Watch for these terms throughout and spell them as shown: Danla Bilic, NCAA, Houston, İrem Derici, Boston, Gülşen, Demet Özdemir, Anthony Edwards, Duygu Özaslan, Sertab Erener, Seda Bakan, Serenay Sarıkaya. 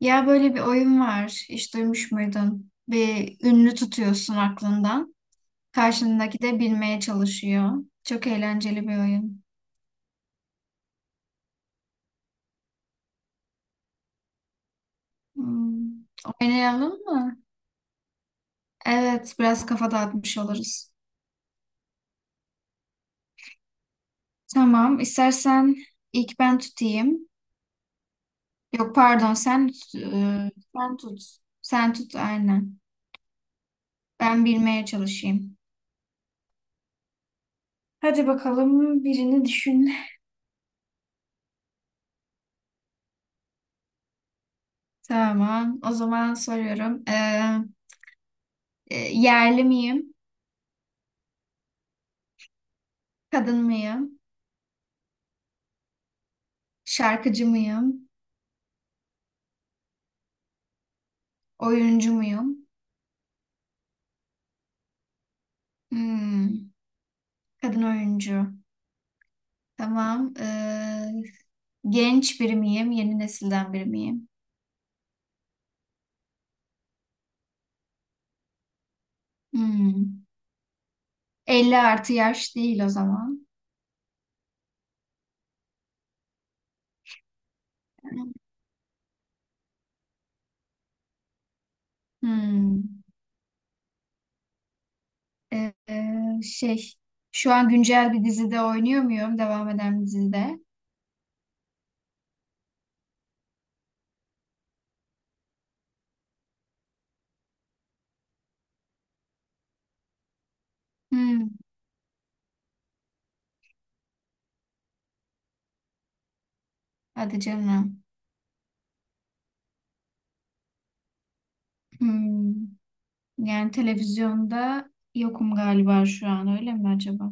Ya böyle bir oyun var. Hiç duymuş muydun? Bir ünlü tutuyorsun aklından. Karşındaki de bilmeye çalışıyor. Çok eğlenceli bir oyun. Hmm. Oynayalım mı? Evet, biraz kafa dağıtmış oluruz. Tamam, istersen ilk ben tutayım. Yok pardon, sen tut. Sen tut. Sen tut aynen. Ben bilmeye çalışayım. Hadi bakalım birini düşün. Tamam, o zaman soruyorum. Yerli miyim? Kadın mıyım? Şarkıcı mıyım? Oyuncu muyum? Hmm, kadın oyuncu. Tamam. Genç biri miyim? Yeni nesilden biri miyim? Hmm. 50 artı yaş değil o zaman. Hmm. Ee, şey, Şu an güncel bir dizide oynuyor muyum? Devam eden bir dizide. Hmm. Hadi canım. Hmm. Yani televizyonda yokum galiba şu an, öyle mi acaba?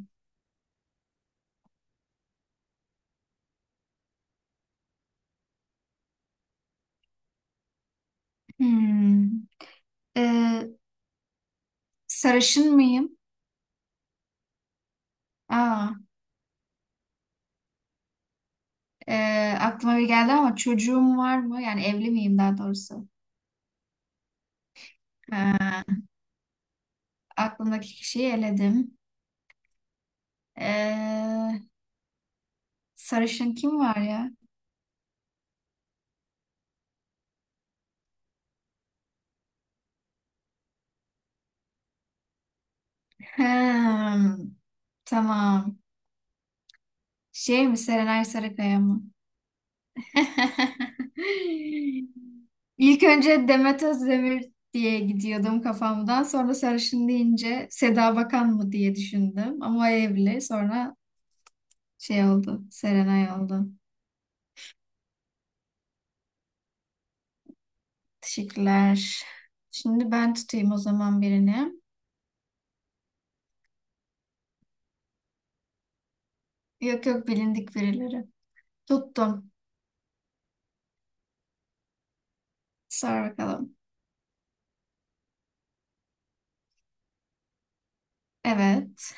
Hmm. ee, Sarışın mıyım? Aa. e, Aklıma bir geldi, ama çocuğum var mı? Yani evli miyim daha doğrusu? Ha, aklımdaki kişiyi eledim. E, sarışın kim var ya? Hmm, tamam. Şey mi? Serenay Sarıkaya mı? İlk önce Demet Özdemir diye gidiyordum kafamdan. Sonra sarışın deyince Seda Bakan mı diye düşündüm. Ama o evli. Sonra şey oldu. Serenay oldu. Teşekkürler. Şimdi ben tutayım o zaman birini. Yok yok, bilindik birileri. Tuttum. Sor bakalım. Evet.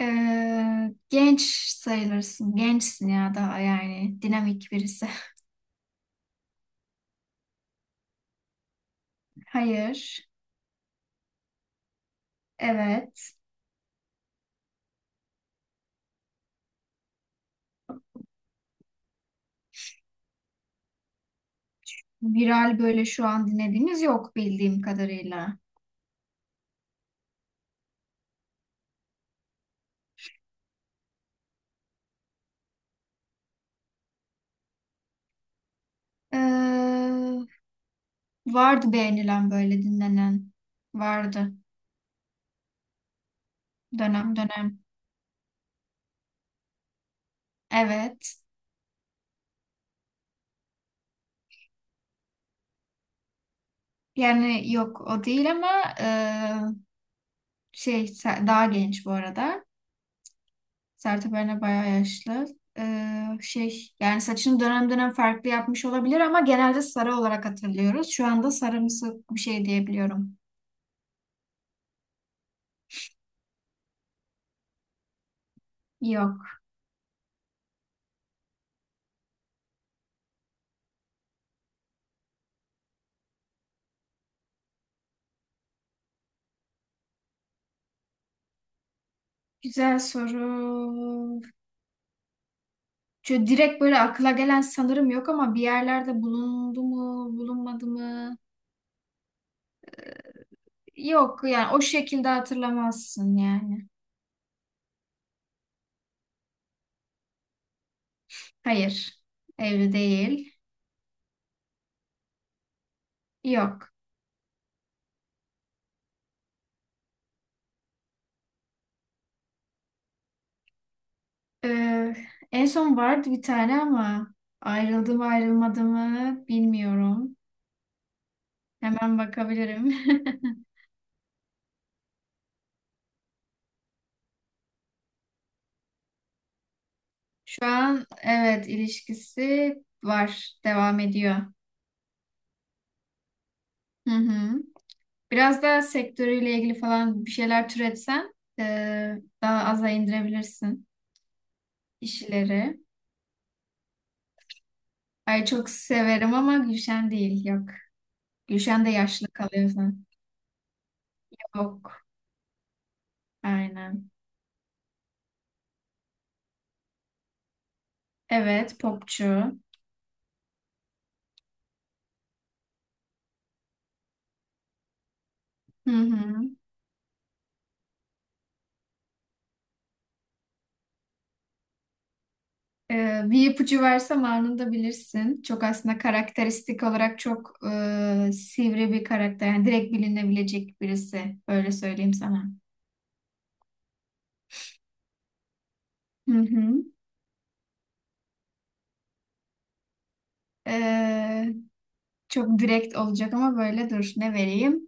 Genç sayılırsın. Gençsin ya daha yani. Dinamik birisi. Hayır. Evet. Viral böyle şu an dinlediğimiz yok bildiğim kadarıyla. Ee, vardı beğenilen böyle dinlenen. Vardı. Dönem dönem. Evet. Yani yok o değil, ama şey Ser- daha genç bu arada. Sertab Erener bayağı yaşlı. Şey yani saçını dönem dönem farklı yapmış olabilir ama genelde sarı olarak hatırlıyoruz. Şu anda sarımsı bir şey diyebiliyorum. Yok. Güzel soru. Şöyle direkt böyle akla gelen sanırım yok ama bir yerlerde bulundu mu, bulunmadı mı? Yok yani o şekilde hatırlamazsın yani. Hayır. Evli değil. Yok. Ee, En son vardı bir tane ama ayrıldı mı ayrılmadı mı bilmiyorum. Hemen bakabilirim. Şu an evet, ilişkisi var, devam ediyor. Hı hı. Biraz da sektörüyle ilgili falan bir şeyler türetsen ee, daha aza indirebilirsin kişileri. Ay çok severim ama Gülşen değil, yok. Gülşen de yaşlı kalıyor zaten. Yok, aynen. Evet, popçu. Hı hı. Bir ipucu versem anında bilirsin. Çok aslında karakteristik olarak çok sivri bir karakter. Yani direkt bilinebilecek birisi. Öyle söyleyeyim sana. Hı hı. Ee, Çok direkt olacak ama böyle dur. Ne vereyim?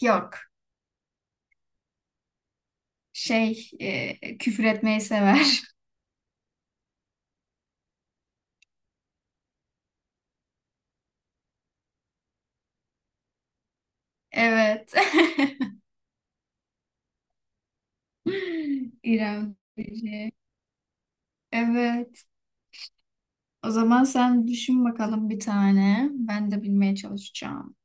Yok. Şey, küfür etmeyi sever. Evet. İrem Derici. Evet. O zaman sen düşün bakalım bir tane. Ben de bilmeye çalışacağım.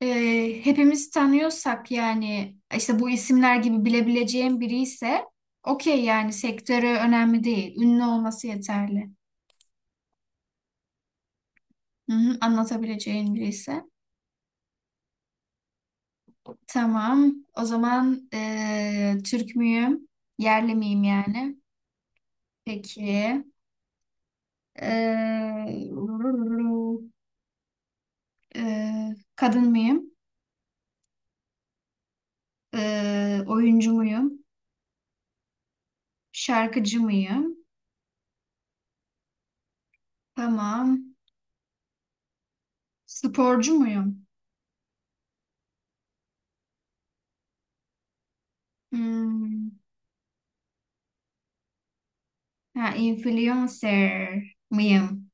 Hepimiz tanıyorsak yani işte bu isimler gibi bilebileceğim biri ise okey, yani sektörü önemli değil. Ünlü olması yeterli. Hı hı, anlatabileceğin biri ise. Tamam. O zaman Türk müyüm? Yerli miyim yani? Peki. E, e, Kadın mıyım? E, oyuncu muyum? Şarkıcı mıyım? Tamam. Sporcu muyum? Hmm. Ha, influencer mıyım?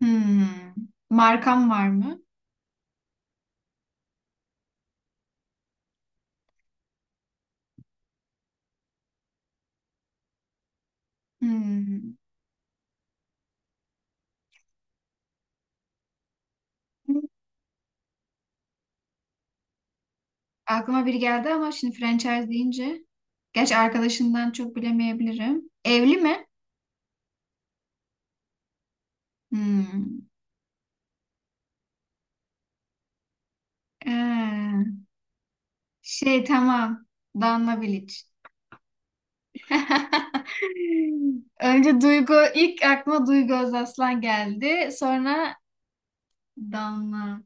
Hmm. Markam var mı? Hmm. Aklıma biri geldi ama şimdi franchise deyince. Gerçi arkadaşından çok bilemeyebilirim. Evli mi? Hmm. Ee, tamam. Danla Bilic. Önce Duygu, ilk aklıma Duygu Özaslan geldi. Sonra Danla.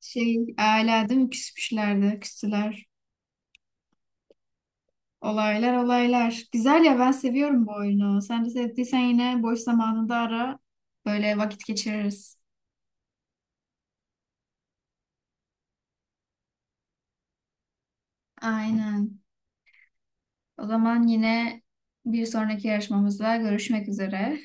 Şey, ailedim küsmüşlerdi, küstüler. Olaylar olaylar. Güzel ya, ben seviyorum bu oyunu. Sen de sevdiysen yine boş zamanında ara. Böyle vakit geçiririz. Aynen. O zaman yine bir sonraki yarışmamızda görüşmek üzere.